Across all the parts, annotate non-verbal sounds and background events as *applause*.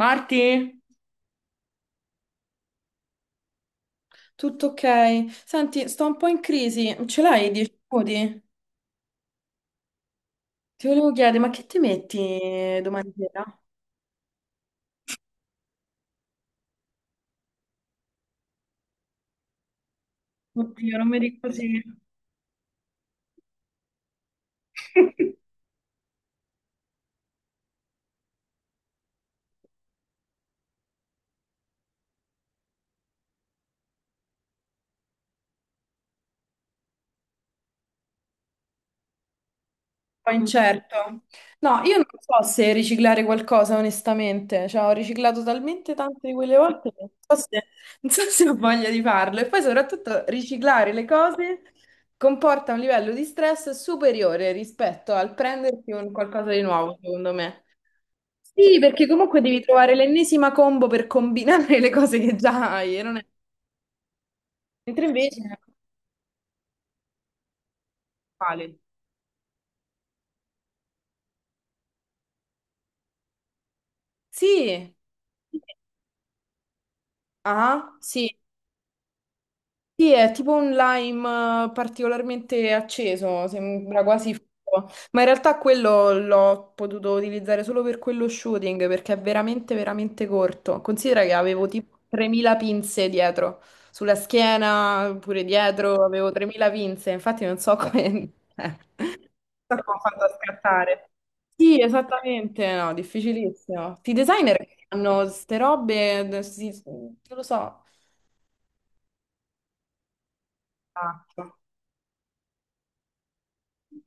Marti? Tutto ok. Senti, sto un po' in crisi. Ce l'hai 10 minuti? Ti volevo chiedere, ma che ti metti domani sera? Oddio, non mi dico così. *laughs* Un po' incerto. No, io non so se riciclare qualcosa, onestamente. Cioè, ho riciclato talmente tante di quelle volte che so se, non so se ho voglia di farlo. E poi, soprattutto, riciclare le cose comporta un livello di stress superiore rispetto al prendersi un qualcosa di nuovo, secondo me. Sì, perché comunque devi trovare l'ennesima combo per combinare *laughs* le cose che già hai, e non è- mentre invece è uguale. Sì. Ah, sì. Sì, è tipo un lime particolarmente acceso, sembra quasi fuoco, ma in realtà quello l'ho potuto utilizzare solo per quello shooting perché è veramente, veramente corto. Considera che avevo tipo 3.000 pinze dietro, sulla schiena, pure dietro, avevo 3.000 pinze, infatti non so come... *laughs* non so come ho fatto a scattare. Sì, esattamente, no, difficilissimo. I designer che fanno queste robe, non lo so.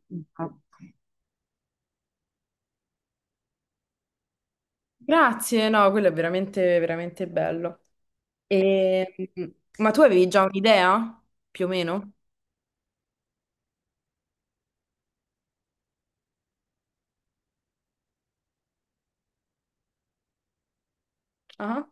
Infatti. Grazie, no, quello è veramente, veramente bello. E- Ma tu avevi già un'idea, più o meno? Ah,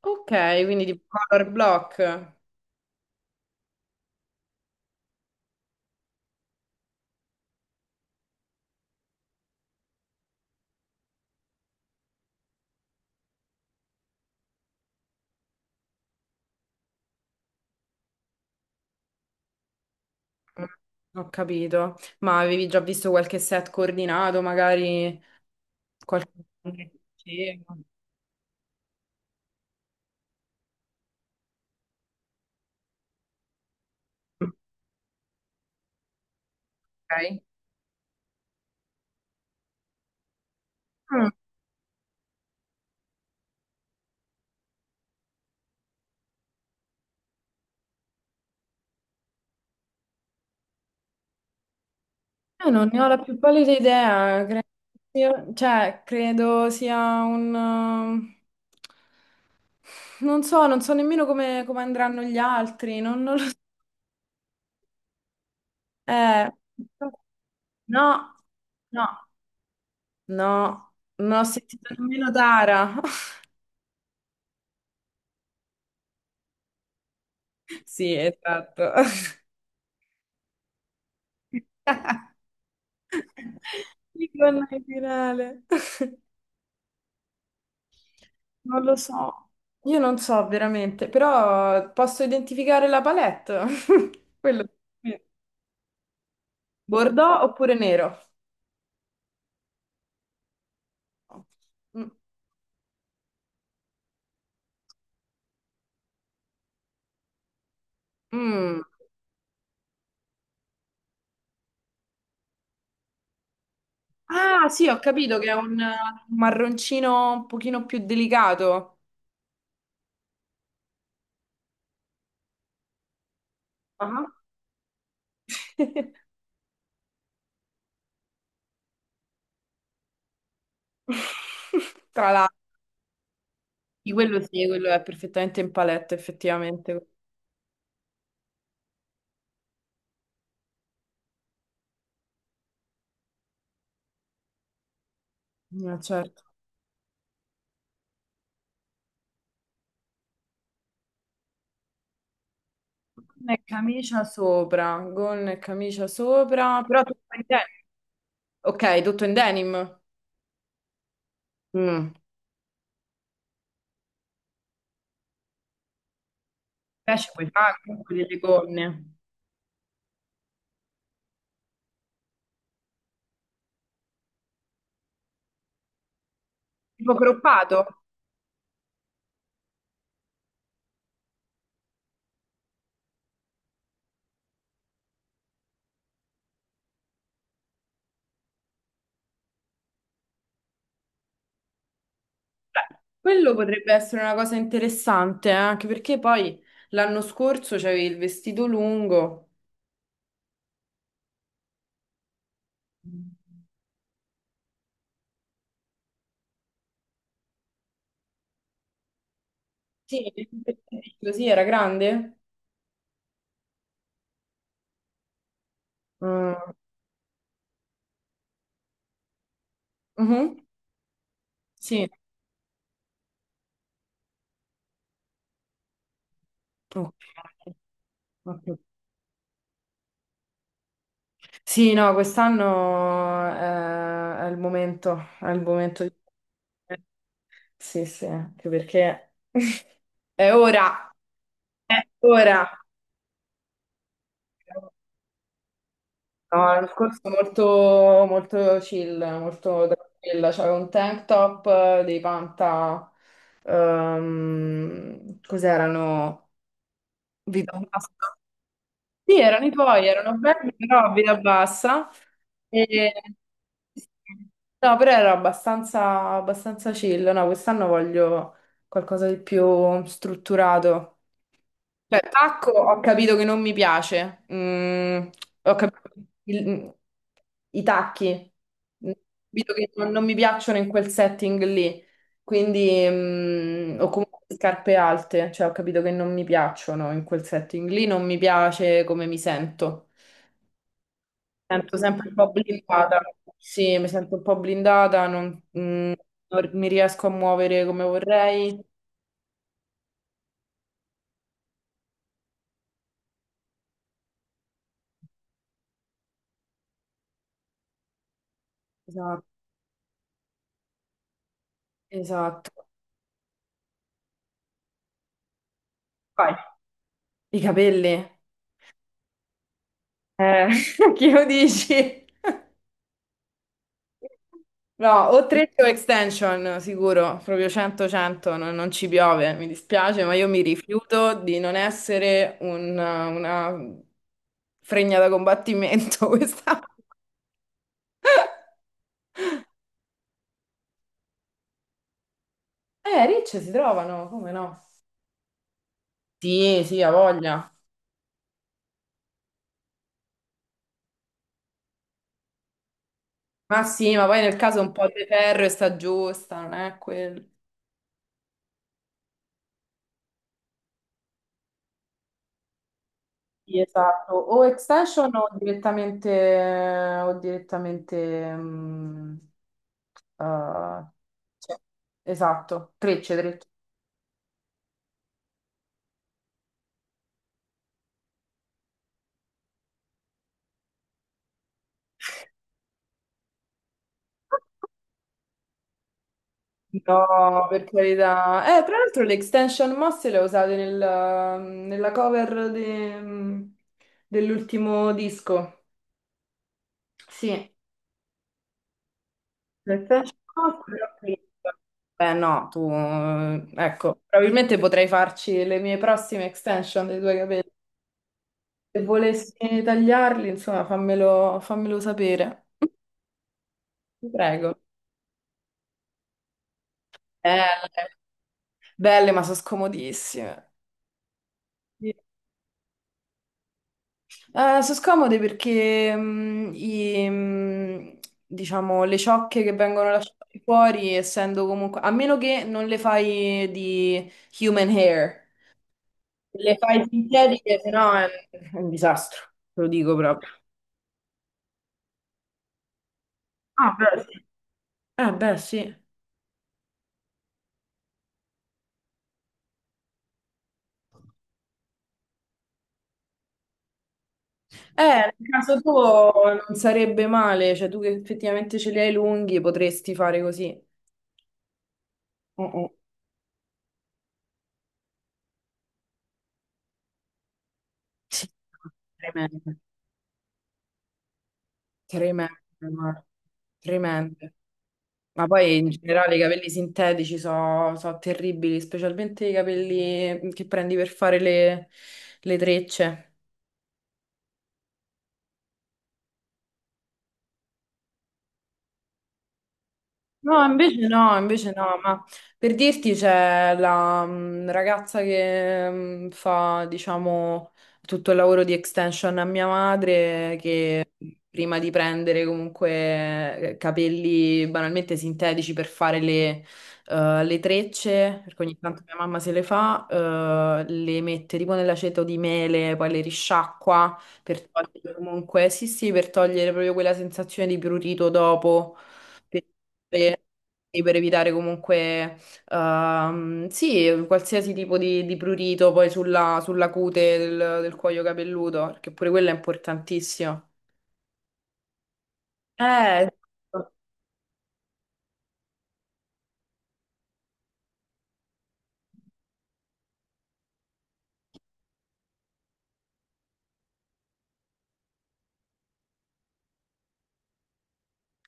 ok, quindi di color block. Mm, Ho capito. Ma avevi già visto qualche set coordinato, magari qualche... Ok. Io non ne ho la più pallida idea, credo cioè, credo sia un... Non so nemmeno come andranno gli altri, non lo so. Eh, no, no, no, non ho sentito nemmeno Tara. *laughs* Sì, esatto. *laughs* Con il finale. Non lo so, io non so veramente, però posso identificare la palette. *laughs* Quello. Eh, Bordeaux oppure nero? Mm. Mm. Ah, sì, ho capito che è un marroncino un pochino più delicato. Ah. *laughs* Tra l'altro, di quello sì, quello è perfettamente in palette, effettivamente. Certo. Gonna e camicia sopra, gonna e camicia sopra, però tutto in denim. Ok, tutto in denim. Mm. Pesce puoi fare comunque delle gonne, tipo croppato. Beh, quello potrebbe essere una cosa interessante, anche perché poi l'anno scorso c'avevi il vestito lungo. Sì, così era grande. Mm. Mhm. Sì. Ok. Ok. Sì, no, quest'anno il momento, è il momento di... Sì, sì, anche perché *laughs* è ora, è ora. No, l'anno scorso molto, molto chill, molto tranquilla. C'avevo un tank top. Cos'erano? Vita pasta. Sì, erano i tuoi, erano belli, però a vita bassa. E- sì, sì. No, però ero abbastanza, abbastanza chill. No, quest'anno voglio qualcosa di più strutturato. Cioè, tacco ho capito che non mi piace. Ho capito il- mm, i tacchi. Ho capito che non mi piacciono in quel setting lì. Quindi, o comunque scarpe alte, cioè ho capito che non mi piacciono in quel setting lì, non mi piace come mi sento. Mi sento sempre un po' blindata, sì, mi sento un po' blindata, mm, non mi riesco a muovere come vorrei. Esatto, esatto. Vai, i capelli. Eh, *laughs* chi lo dici? No, o 3 o extension, sicuro, proprio 100-100, non ci piove, mi dispiace, ma io mi rifiuto di non essere una fregna da combattimento *laughs* questa. Ricce si trovano, come no? Sì, sì, ha voglia. Ma sì, ma poi nel caso un po' di ferro e sta giusta, non è quello. Sì, esatto, o extension o direttamente, eh, cioè, esatto, trecce, trecce. No, per carità. Tra l'altro le extension mosse le ho usate nella cover dell'ultimo disco. Sì, le extension mosse le ho prese. Eh no, ecco, probabilmente potrei farci le mie prossime extension dei tuoi capelli. Se volessi tagliarli, insomma, fammelo sapere. Ti prego. Belle, belle, ma sono scomodissime. Sì. Sono scomode perché diciamo, le ciocche che vengono lasciate fuori, essendo comunque, a meno che non le fai di human hair, le fai sintetiche, se no è un disastro, te lo dico proprio. Ah, beh, sì. Beh, sì. Nel caso tuo non sarebbe male, cioè tu che effettivamente ce li hai lunghi potresti fare così. Mm, mm. Sì, tremendo. Tremendo, guarda. Tremendo. Ma poi in generale i capelli sintetici sono terribili, specialmente i capelli che prendi per fare le trecce. No, invece no, invece no, ma per dirti c'è la ragazza che fa, diciamo, tutto il lavoro di extension a mia madre, che prima di prendere comunque capelli banalmente sintetici per fare le trecce, perché ogni tanto mia mamma se le fa, le mette tipo nell'aceto di mele, poi le risciacqua per togliere comunque, sì sì, per togliere proprio quella sensazione di prurito dopo per sì, per evitare comunque, sì, qualsiasi tipo di prurito poi sulla cute del cuoio capelluto, perché pure quello è importantissimo. Eh,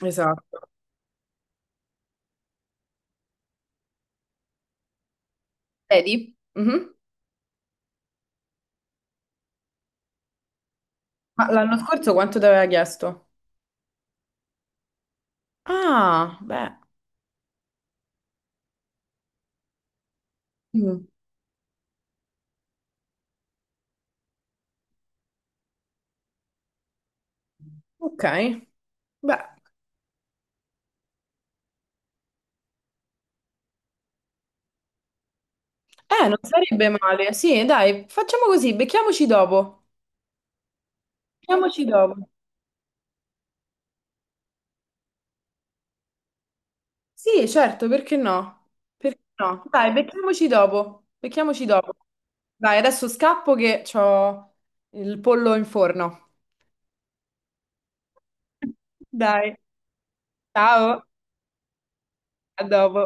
esatto. Vedi? Mhm. Ma l'anno scorso quanto ti aveva chiesto? Ah, beh. Mm, ok. Beh, non sarebbe male. Sì, dai, facciamo così, becchiamoci dopo. Becchiamoci dopo. Sì, certo, perché no? Perché no? Dai, becchiamoci dopo. Becchiamoci dopo. Dai, adesso scappo che ho il pollo in forno. *laughs* Dai, ciao, a dopo.